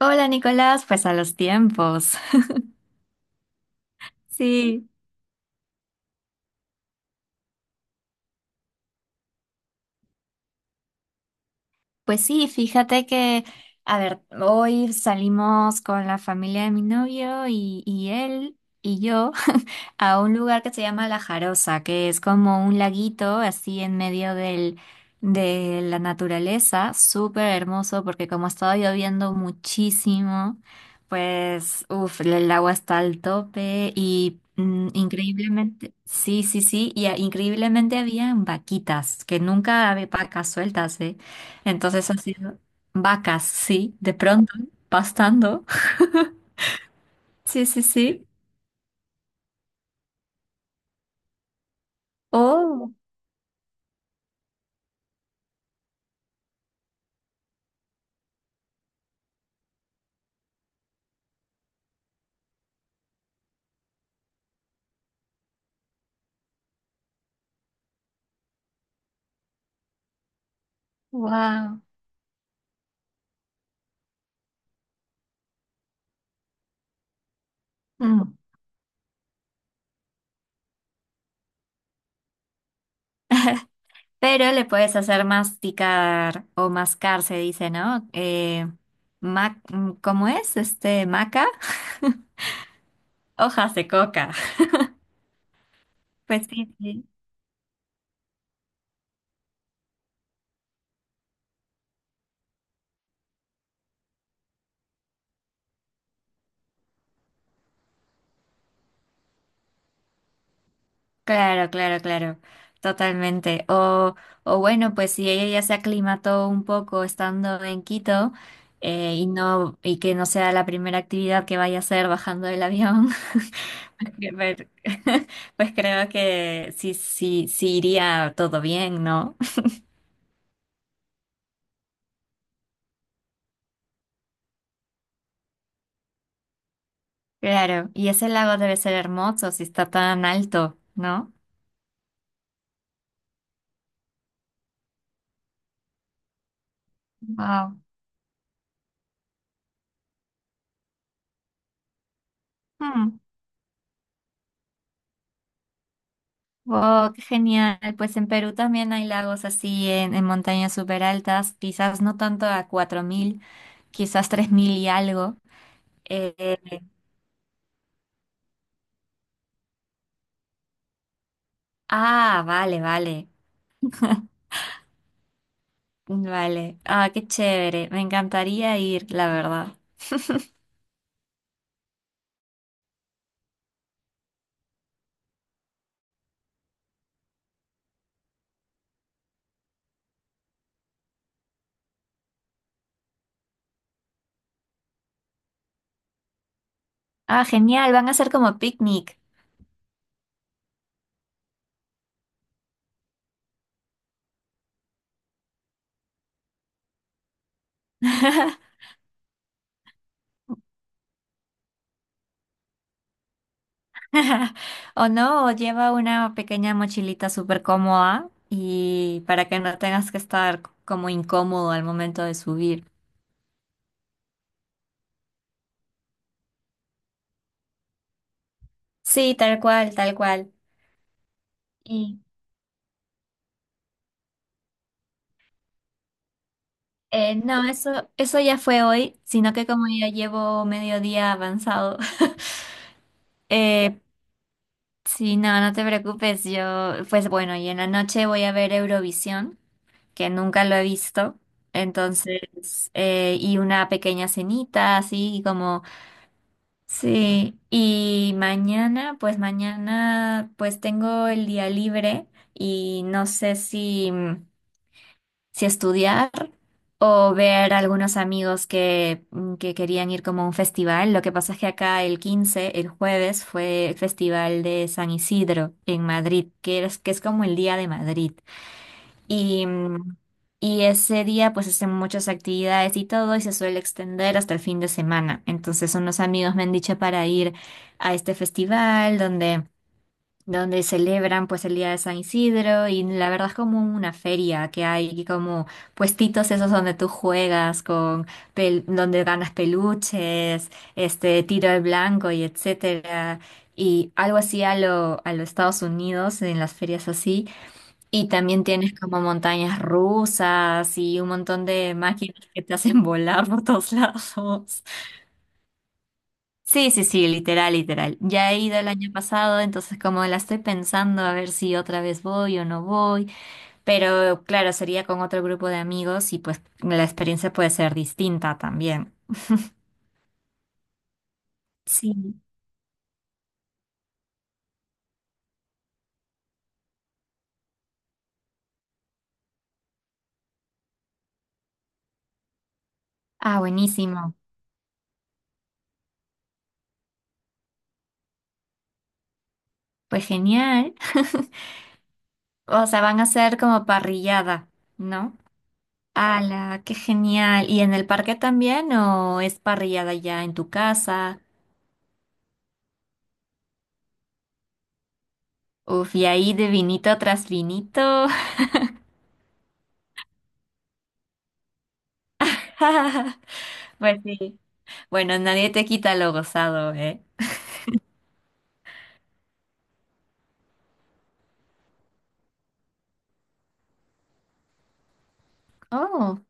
Hola Nicolás, pues a los tiempos. Sí. Pues sí, fíjate que, a ver, hoy salimos con la familia de mi novio y él y yo a un lugar que se llama La Jarosa, que es como un laguito así en medio de la naturaleza. Súper hermoso porque como estaba lloviendo muchísimo, pues, uff, el agua está al tope y increíblemente, sí, sí, sí, y increíblemente habían vaquitas, que nunca había vacas sueltas, ¿eh? Entonces ha sido vacas, sí, de pronto, pastando. Sí, sí, sí. Oh, wow. Mm. Pero le puedes hacer masticar o mascar, se dice, ¿no? ¿Cómo es? Este, maca. Hojas de coca. Pues sí, sí. Claro, claro, claro, totalmente. O bueno, pues si ella ya se aclimató un poco estando en Quito, y que no sea la primera actividad que vaya a hacer bajando del avión, que ver- pues creo que sí, sí, sí iría todo bien, ¿no? Claro, y ese lago debe ser hermoso si está tan alto, ¿no? Wow. Hmm. Wow, qué genial. Pues en Perú también hay lagos así en montañas súper altas, quizás no tanto a 4.000. Quizás 3.000 y algo. Eh, vale, vale, vale. Ah, qué chévere, me encantaría ir, la verdad. Ah, genial, van a ser como picnic. O no, o lleva una pequeña mochilita súper cómoda y para que no tengas que estar como incómodo al momento de subir. Sí, tal cual, tal cual. Y no, eso ya fue hoy, sino que como ya llevo medio día avanzado. eh, Sí, no, no te preocupes, yo, pues bueno, y en la noche voy a ver Eurovisión, que nunca lo he visto. Entonces, y una pequeña cenita, así como, sí. Y mañana, pues tengo el día libre y no sé si estudiar o ver algunos amigos que querían ir como a un festival. Lo que pasa es que acá el 15, el jueves, fue el Festival de San Isidro en Madrid, que es como el Día de Madrid. Y, mm, y ese día pues hacen muchas actividades y todo y se suele extender hasta el fin de semana. Entonces unos amigos me han dicho para ir a este festival donde celebran pues el día de San Isidro. Y la verdad es como una feria que hay como puestitos esos donde tú juegas con donde ganas peluches, este tiro al blanco y etcétera, y algo así a los Estados Unidos en las ferias así, y también tienes como montañas rusas y un montón de máquinas que te hacen volar por todos lados. Sí, sí, sí, literal, literal. Ya he ido el año pasado, entonces como la estoy pensando a ver si otra vez voy o no voy, pero claro, sería con otro grupo de amigos y pues la experiencia puede ser distinta también. Sí. Ah, buenísimo. Pues genial. O sea, van a ser como parrillada, ¿no? ¡Hala! ¡Qué genial! ¿Y en el parque también o es parrillada ya en tu casa? Uf, y ahí de vinito tras vinito. Pues sí. Bueno, nadie te quita lo gozado, ¿eh? Oh,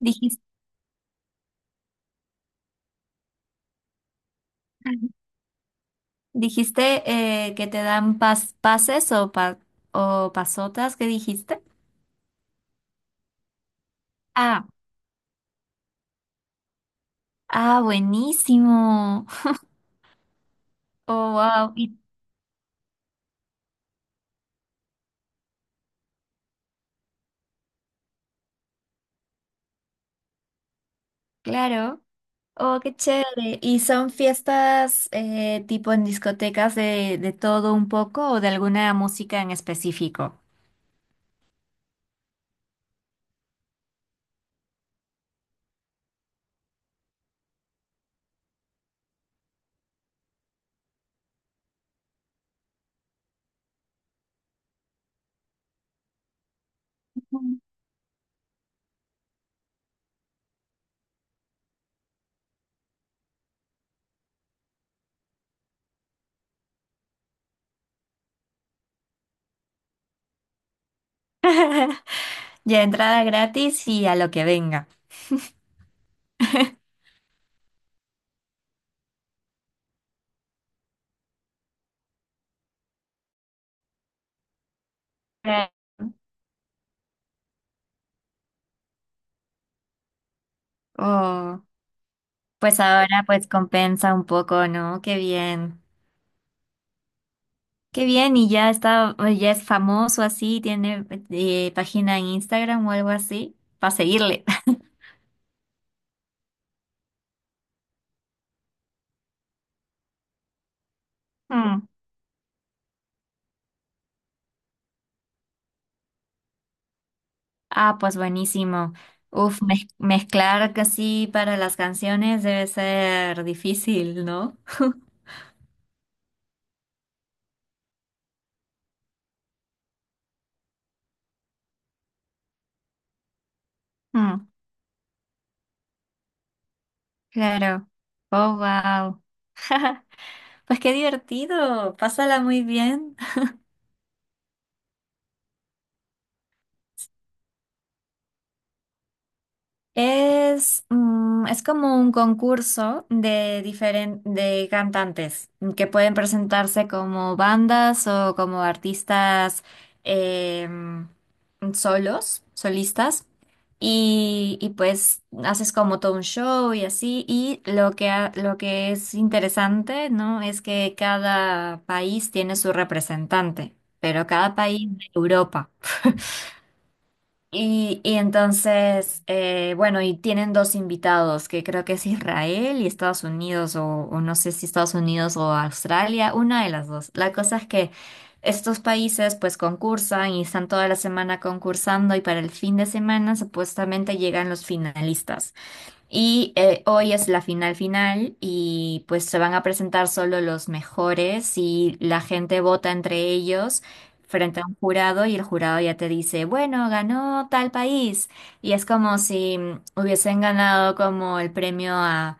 dijiste, dijiste que te dan pases o pasotas, ¿qué dijiste? Ah, ah, buenísimo. Oh, wow. Y claro. Oh, qué chévere. ¿Y son fiestas tipo en discotecas de todo un poco o de alguna música en específico? Mm. Ya entrada gratis y a lo que venga. Claro. Oh. Pues ahora pues compensa un poco, ¿no? Qué bien. Qué bien, y ya está, ya es famoso así, tiene página en Instagram o algo así, para seguirle. Mm. Ah, pues buenísimo. Uf, mezclar casi para las canciones debe ser difícil, ¿no? Mm, claro. Oh, wow. Pues qué divertido. Pásala muy bien. Es como un concurso de de cantantes, que pueden presentarse como bandas o como artistas, em, solos, solistas. Y pues haces como todo un show y así. Y lo que es interesante, ¿no? Es que cada país tiene su representante, pero cada país de Europa. Y entonces, bueno, y tienen dos invitados, que creo que es Israel y Estados Unidos, o no sé si Estados Unidos o Australia, una de las dos. La cosa es que estos países pues concursan y están toda la semana concursando y para el fin de semana supuestamente llegan los finalistas. Y hoy es la final final y pues se van a presentar solo los mejores y la gente vota entre ellos frente a un jurado y el jurado ya te dice, bueno, ganó tal país. Y es como si, hubiesen ganado como el premio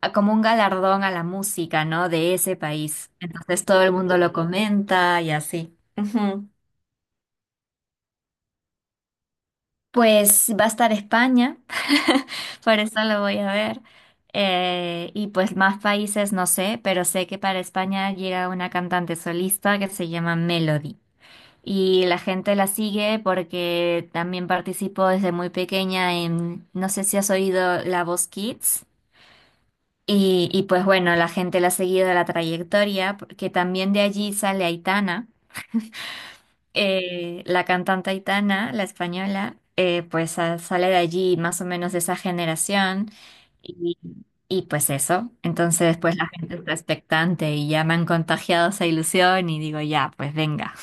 a como un galardón a la música, ¿no? De ese país. Entonces todo el mundo lo comenta y así. Ujú. Pues va a estar España, por eso lo voy a ver. Y pues más países no sé, pero sé que para España llega una cantante solista que se llama Melody. Y la gente la sigue porque también participó desde muy pequeña en, no sé si has oído La Voz Kids. Y pues bueno, la gente la ha seguido la trayectoria, porque también de allí sale Aitana, la cantante Aitana, la española, pues sale de allí más o menos de esa generación. Y, y pues eso. Entonces después la gente está expectante y ya me han contagiado esa ilusión y digo, ya, pues venga.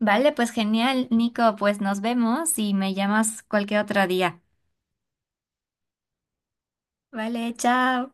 Vale, pues genial, Nico, pues nos vemos y me llamas cualquier otro día. Vale, chao.